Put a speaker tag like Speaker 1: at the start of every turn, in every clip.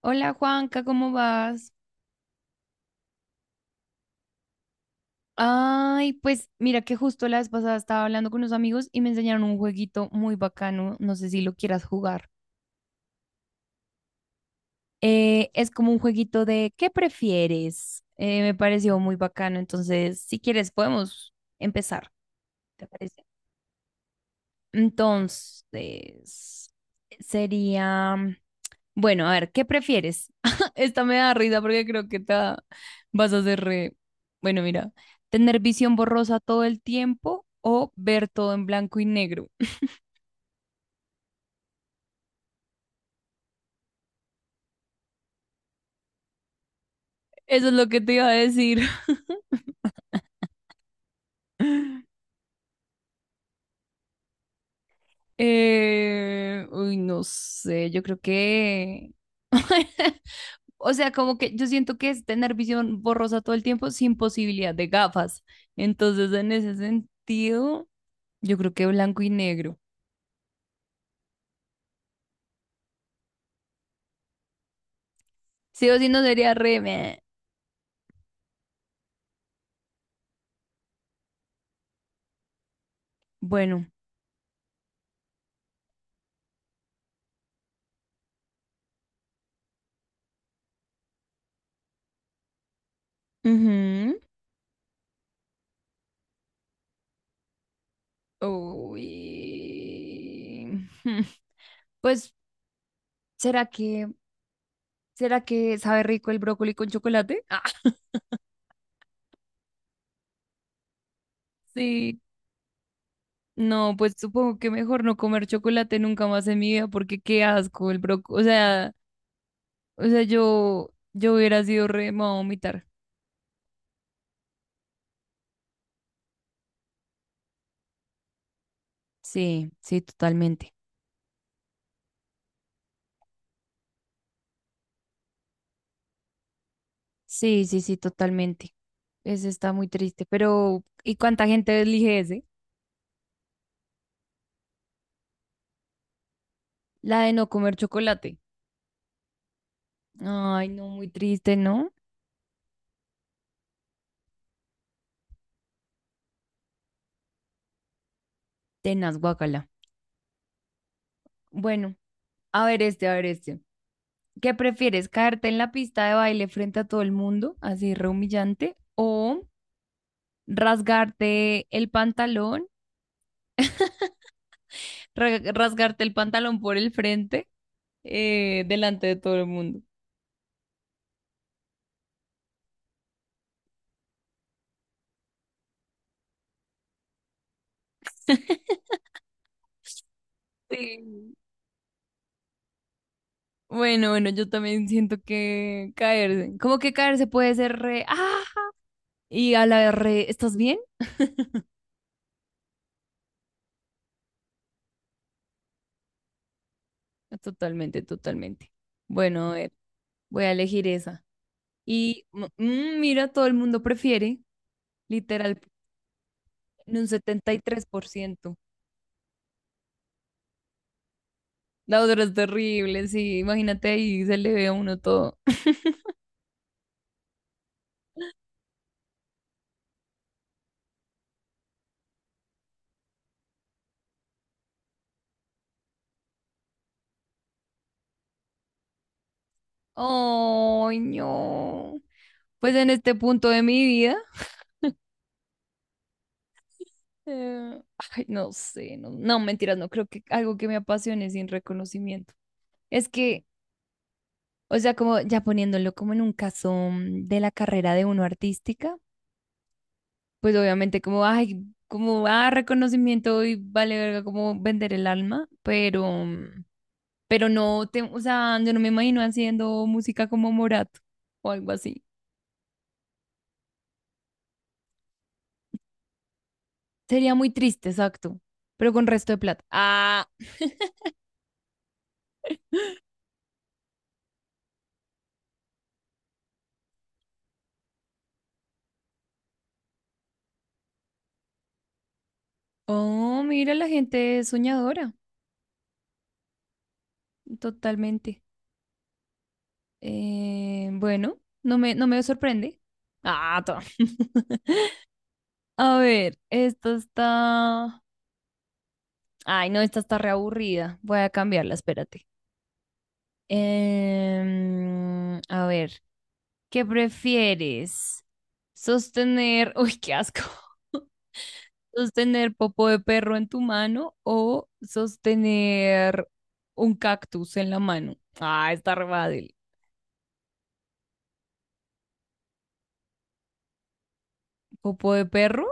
Speaker 1: Hola, Juanca, ¿cómo vas? Ay, pues mira que justo la vez pasada estaba hablando con unos amigos y me enseñaron un jueguito muy bacano, no sé si lo quieras jugar. Es como un jueguito de ¿qué prefieres? Me pareció muy bacano, entonces si quieres podemos empezar, ¿te parece? Entonces, sería, Bueno, a ver, ¿qué prefieres? Esta me da risa porque creo que vas a hacer Bueno, mira, ¿tener visión borrosa todo el tiempo o ver todo en blanco y negro? Eso es lo que te iba a decir. Uy, no sé, yo creo que... O sea, como que yo siento que es tener visión borrosa todo el tiempo sin posibilidad de gafas. Entonces, en ese sentido, yo creo que blanco y negro. Sí o sí no meh. Bueno. Ujú. Uy. Hmm. Pues, ¿será que, ¿será que sabe rico el brócoli con chocolate? Ah, sí. No, pues supongo que mejor no comer chocolate nunca más en mi vida, porque qué asco el brócoli. O sea, yo hubiera me voy a vomitar. Sí, sí, totalmente. Sí, sí, sí, totalmente. Ese está muy triste, pero ¿y cuánta gente elige ese? La de no comer chocolate. Ay, no, muy triste, ¿no? Tenaz, guacala. Bueno, a ver este, a ver este. ¿Qué prefieres, caerte en la pista de baile frente a todo el mundo, así re humillante, o rasgarte el pantalón, rasgarte el pantalón por el frente, delante de todo el mundo? Sí. Bueno, bueno, yo también siento que caerse, como que caerse puede y ¿estás bien? Totalmente, totalmente. Bueno, a ver, voy a elegir esa. Y mira, todo el mundo prefiere, literal, en un 73%. La otra es terrible, sí, imagínate ahí, se le ve a uno todo. ¡Ay, no! Pues en este punto de mi vida, eh, ay, no sé, no, no, mentiras, no creo que algo que me apasione sin reconocimiento. Es que, o sea, como ya poniéndolo como en un caso de la carrera de uno artística, pues obviamente como, ay, como, ah, reconocimiento y vale verga como vender el alma, pero no, o sea, yo no me imagino haciendo música como Morato o algo así. Sería muy triste, exacto, pero con resto de plata. Ah, oh, mira, la gente es soñadora, totalmente. Bueno, no me sorprende. Ah, A ver, esta está... Ay, no, esta está reaburrida. Voy a cambiarla, espérate. A ver, ¿qué prefieres? Sostener, uy, qué asco. ¿Sostener popo de perro en tu mano o sostener un cactus en la mano? Ah, está re fácil. ¿Popo de perro?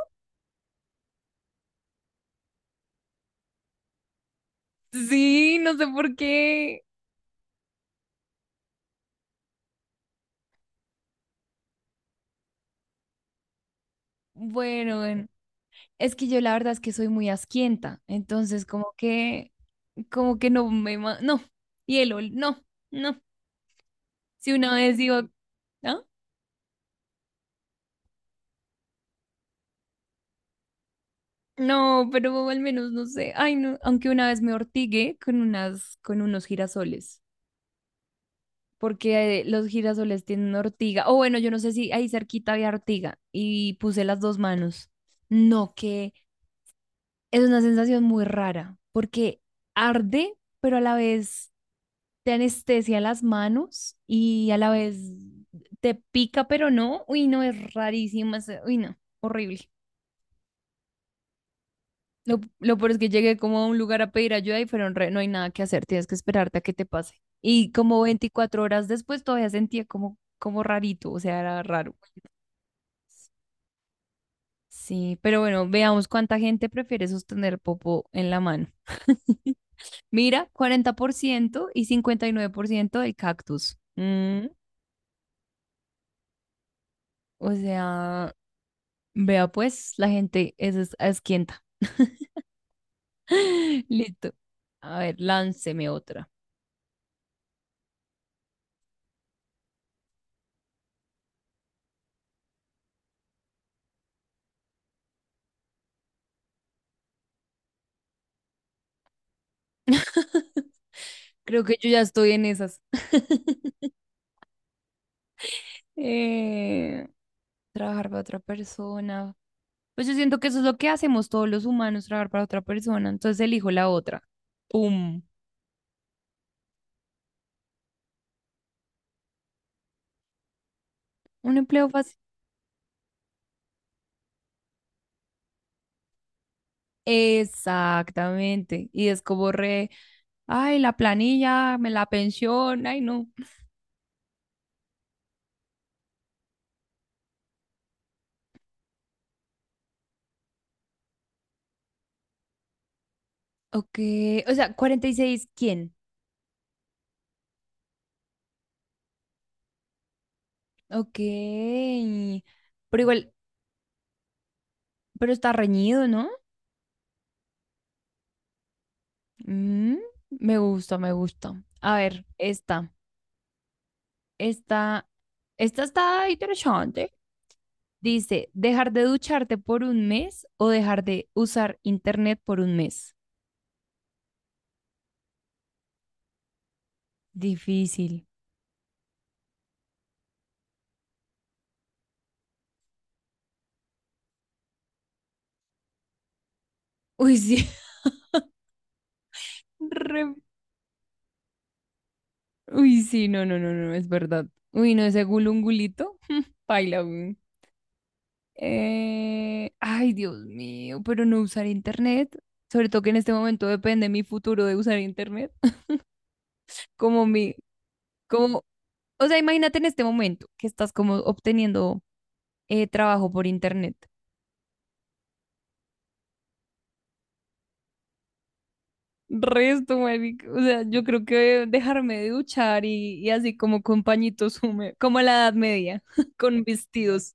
Speaker 1: Sí, no sé por qué. Bueno, bueno. Es que yo la verdad es que soy muy asquienta, entonces como que no, hielo, no, no. Si una vez digo, ¿ah? No, pero al menos no sé. Ay, no, aunque una vez me ortigué con unos girasoles, porque los girasoles tienen ortiga. O bueno, yo no sé si ahí cerquita había ortiga y puse las dos manos. No, que es una sensación muy rara, porque arde, pero a la vez te anestesia las manos y a la vez te pica, pero no. Uy, no, es rarísimo. Uy, no, horrible. Lo peor es que llegué como a un lugar a pedir ayuda y fueron re, no hay nada que hacer, tienes que esperarte a que te pase. Y como 24 horas después todavía sentía como rarito, o sea, era raro. Sí, pero bueno, veamos cuánta gente prefiere sostener popo en la mano. Mira, 40% y 59% del cactus. O sea, vea pues, la gente es asquienta. Listo. A ver, lánceme otra. Creo que yo ya estoy en esas. Eh, Trabajar para otra persona. Pues yo siento que eso es lo que hacemos todos los humanos, trabajar para otra persona. Entonces elijo la otra. ¡Pum! Un empleo fácil. Exactamente. Y es como re, ay, la planilla, me la pensión, ay, no. Ok, o sea, 46, ¿quién? Ok, pero igual, pero está reñido, ¿no? Mm, me gusta, me gusta. A ver, esta, esta está interesante. Dice, dejar de ducharte por un mes o dejar de usar internet por un mes. Difícil. Uy, sí. re- Uy, sí, no, no, no, no, es verdad. Uy, no, ese gulungulito. Paila, güey. Ay, Dios mío, pero no usar internet. Sobre todo que en este momento depende mi futuro de usar internet. Como mi, como, o sea, imagínate en este momento que estás como obteniendo trabajo por internet. Resto, marica. O sea, yo creo que dejarme de duchar y así como con pañitos húmedos, como a la Edad Media, con vestidos,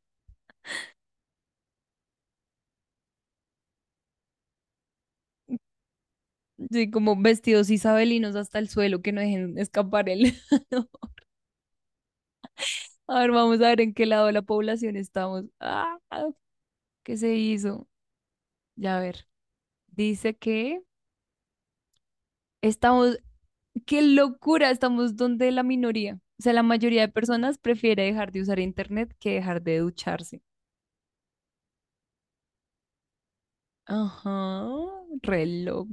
Speaker 1: sí, como vestidos isabelinos hasta el suelo, que no dejen escapar el... A ver, vamos a ver en qué lado de la población estamos. Ah, ¿qué se hizo? Ya a ver. Dice que estamos, qué locura, estamos donde la minoría. O sea, la mayoría de personas prefiere dejar de usar internet que dejar de ducharse. Ajá, reloj.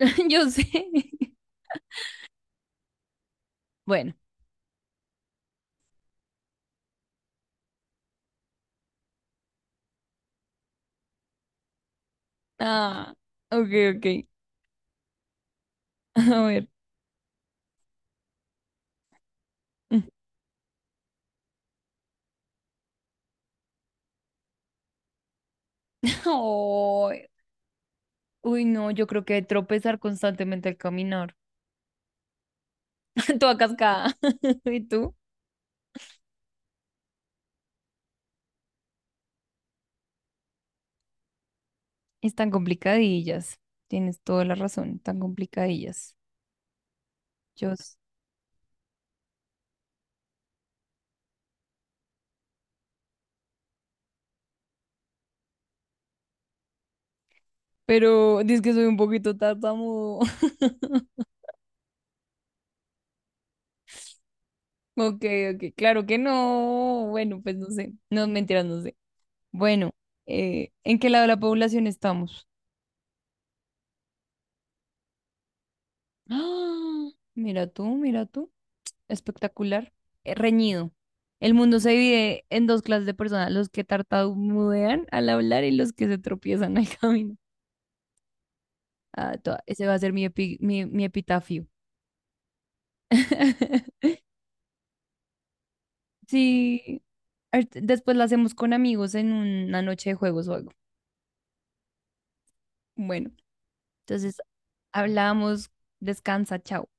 Speaker 1: Yo sé. Bueno. Ah, ok, ok. A ver. Ay, uy, no, yo creo que tropezar constantemente al caminar. Toda cascada. ¿Y tú? Están complicadillas. Tienes toda la razón, tan complicadillas. Yo s- Pero dices que soy un poquito tartamudo. Ok, ok, claro que no. Bueno, pues no sé. No, mentiras, no sé. Bueno, ¿en qué lado de la población estamos? ¡Ah! Mira tú, mira tú. Espectacular, reñido. El mundo se divide en dos clases de personas, los que tartamudean al hablar y los que se tropiezan al camino. Ah, ese va a ser mi epitafio. Sí, después la hacemos con amigos en una noche de juegos o algo. Bueno, entonces hablamos, descansa, chao.